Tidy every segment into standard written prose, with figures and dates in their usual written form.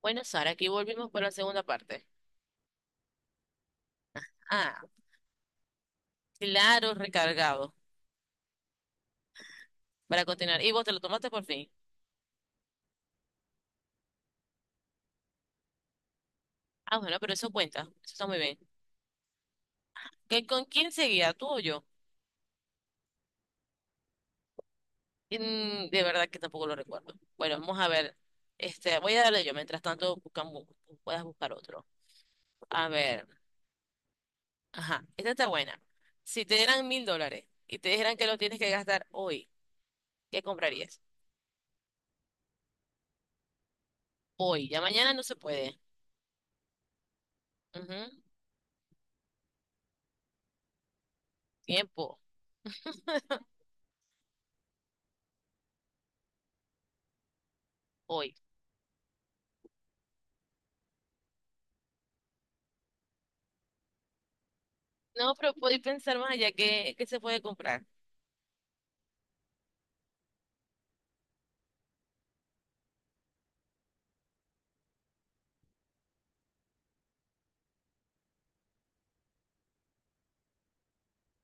Bueno, Sara, aquí volvimos para la segunda parte. Ah, claro, recargado. Para continuar. ¿Y vos te lo tomaste por fin? Ah, bueno, pero eso cuenta. Eso está muy bien. ¿Qué con quién seguía, tú o yo? De verdad que tampoco lo recuerdo. Bueno, vamos a ver. Voy a darle yo. Mientras tanto, buscamos, puedas buscar otro. A ver. Ajá, esta está buena. Si te dieran $1,000 y te dijeran que lo tienes que gastar hoy, ¿qué comprarías? Hoy. Ya mañana no se puede. Ujú. Tiempo. Hoy. No, pero podéis pensar más allá que se puede comprar.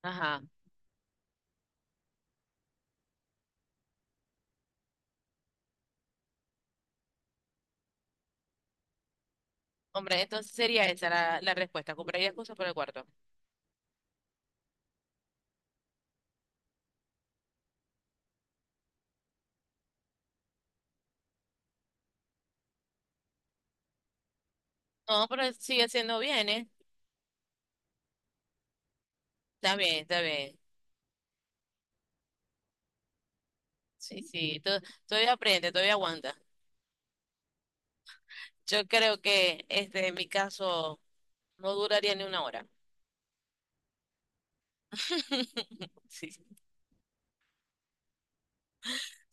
Ajá. Hombre, entonces sería esa la respuesta. Compraría cosas para el cuarto. No, pero sigue siendo bien, ¿eh? Está bien, está bien. Sí, sí. Todavía aprende, todavía aguanta. Yo creo que en mi caso, no duraría ni una hora. Sí.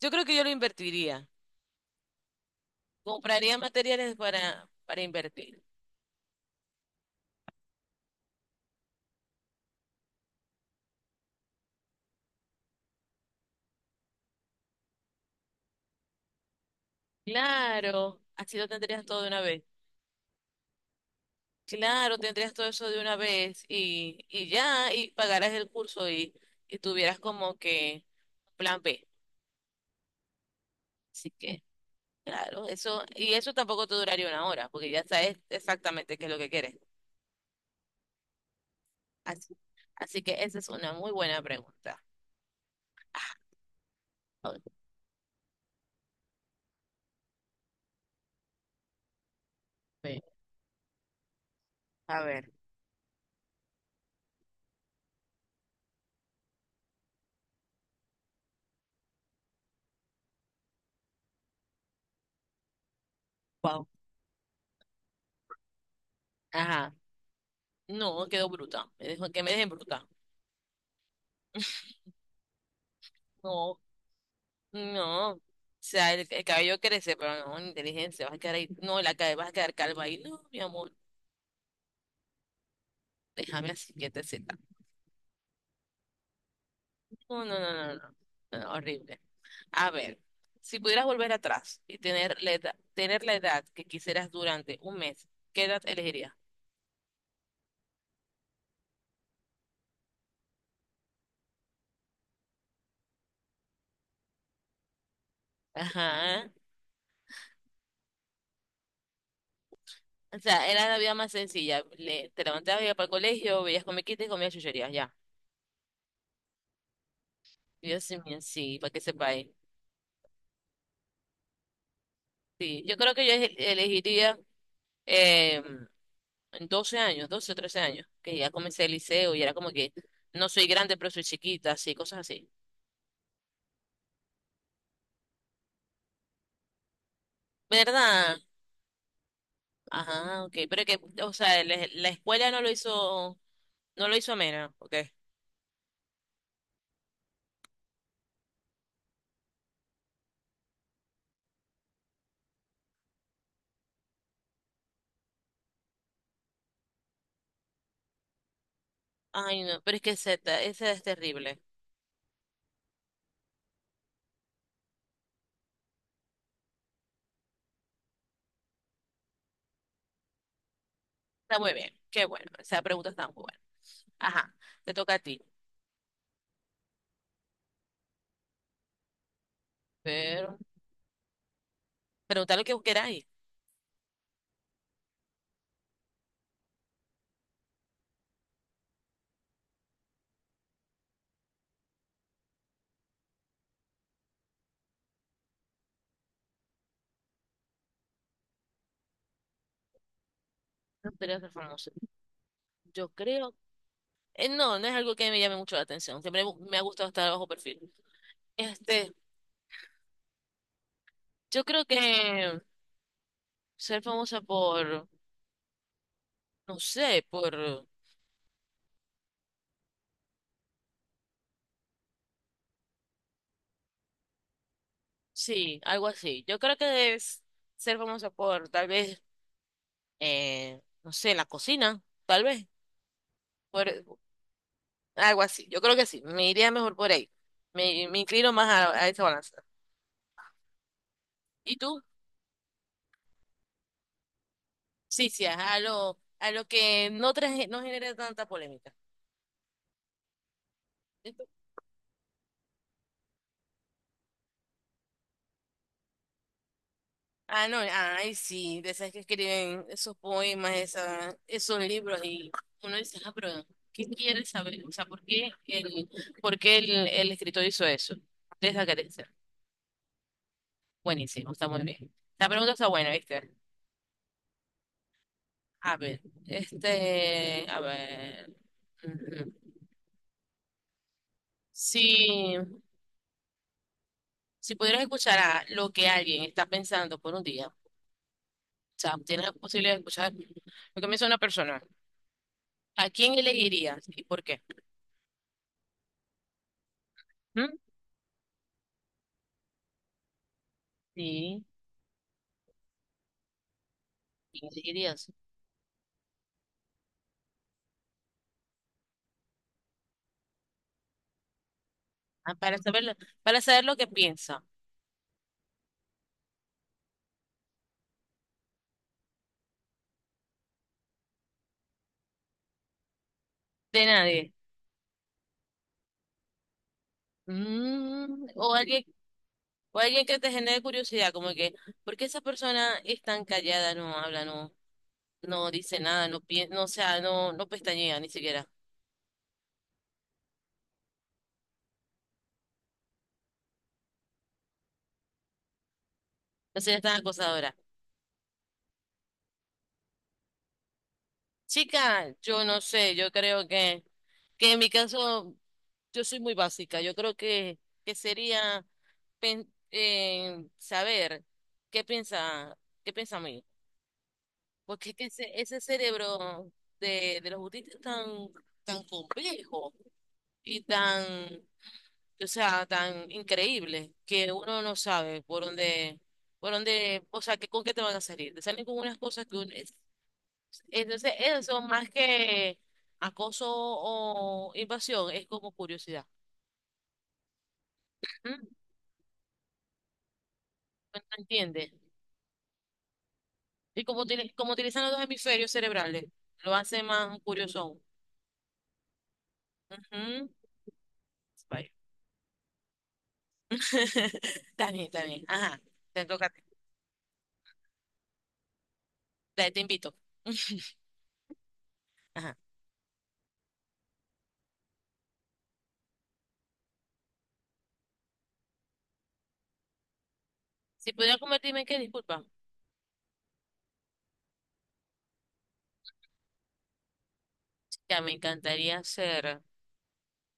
Yo creo que yo lo invertiría. Compraría materiales para invertir. Claro, así lo tendrías todo de una vez. Claro, tendrías todo eso de una vez y ya, y pagarás el curso y tuvieras como que plan B. Así que, claro, eso, y eso tampoco te duraría una hora, porque ya sabes exactamente qué es lo que quieres. Así, Así que esa es una muy buena pregunta. Ah. Sí. A ver, wow. Ajá. No, quedó bruta. Me dejó que me dejen bruta. No, no. O sea, el cabello crece, pero no, inteligencia, vas a quedar ahí. No, la cabeza vas a quedar calva ahí. No, mi amor, déjame así, quietecita. No, no, no, no, no. No, no, horrible. A ver, si pudieras volver atrás y tener la edad que quisieras durante un mes, ¿qué edad elegirías? Ajá. O sea, era la vida más sencilla. Te levantabas, ibas para el colegio, veías comiquitas y comías chucherías, ya. Dios mío, sí, para que sepáis. Sí, yo creo que yo elegiría eh, 12 años, 12 o 13 años, que ya comencé el liceo y era como que no soy grande, pero soy chiquita, así, cosas así. ¿Verdad? Ajá, ok. Pero que, o sea, la escuela no lo hizo. No lo hizo Mena, ok. Ay, no, pero es que Z, ese es terrible. Está muy bien, qué bueno. Esa pregunta está muy buena. Ajá, te toca a ti. Pero, preguntar lo que vos queráis. No quería ser famoso. Yo creo. No, no es algo que me llame mucho la atención. Siempre me ha gustado estar bajo perfil. Este, yo creo que ser famosa por, no sé, por, sí, algo así. Yo creo que es ser famosa por, tal vez, no sé, la cocina, tal vez. Por, algo así. Yo creo que sí. Me iría mejor por ahí. Me inclino más a esa balanza. ¿Y tú? Sí, sí, a lo que no, traje, no genera tanta polémica. ¿Y tú? Ah, no, ay, sí, de esas que escriben esos poemas, esos libros, y uno dice, ah, pero ¿qué quieres saber? O sea, ¿el escritor hizo eso? De esa carencia. Buenísimo, está muy bien. La pregunta está buena, ¿viste? A ver, a ver. Ujú. Sí. Si pudieras escuchar a lo que alguien está pensando por un día, o sea, tienes la posibilidad de escuchar lo que piensa una persona, ¿a quién elegirías y por qué? ¿Mm? Sí, ¿quién elegirías? Ah, para saber lo que piensa de nadie. Mm, o alguien, o alguien que te genere curiosidad, como que, ¿por qué esa persona es tan callada, no habla, no, no dice nada, no piensa, no, o sea, no, no pestañea ni siquiera, no sería tan acosadora? Chica, yo no sé, yo creo que en mi caso. Yo soy muy básica. Yo creo que sería saber qué piensa, qué piensa mí. Porque es que ese cerebro de los autistas es tan, tan complejo y o sea, tan increíble que uno no sabe por dónde, o sea, con qué te van a salir. Te salen con unas cosas que uno, entonces eso más que acoso o invasión es como curiosidad. ¿Mm? ¿No entiendes? Y como, tiene como utilizan los dos hemisferios cerebrales, lo hace más curioso aún. Ujú. Vaya. Está bien, está bien. Ajá. Te toca. Dale, te invito. Ajá. Si pudiera convertirme en qué, disculpa. Ya me encantaría ser, o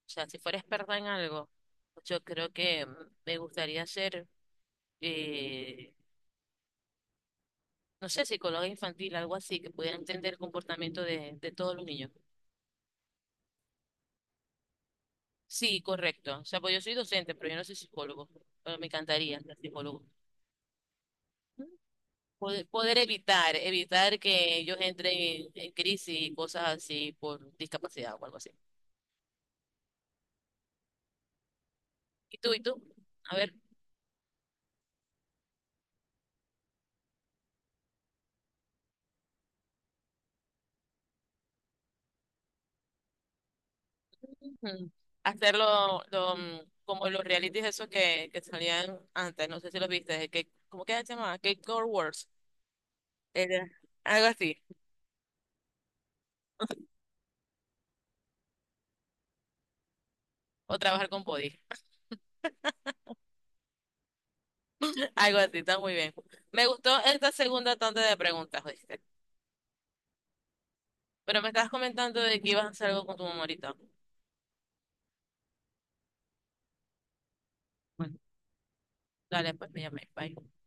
sea, si fuera experta en algo, yo creo que me gustaría ser, eh, no sé, psicóloga infantil, algo así, que pudiera entender el comportamiento de todos los niños. Sí, correcto. O sea, pues yo soy docente, pero yo no soy psicólogo, pero me encantaría ser psicólogo. Poder evitar que ellos entren en crisis y cosas así por discapacidad o algo así. ¿Y tú, y tú? A ver, ujú. Hacerlo lo, como los realities esos que salían antes, no sé si los viste, de que, ¿cómo que se llamaba? Cake Core Wars, era algo así, o trabajar con body, algo así, está muy bien. Me gustó esta segunda tanda de preguntas, ¿viste? Pero me estabas comentando de que ibas a hacer algo con tu mamá ahorita. Bueno, dale, pues me llamé, bye.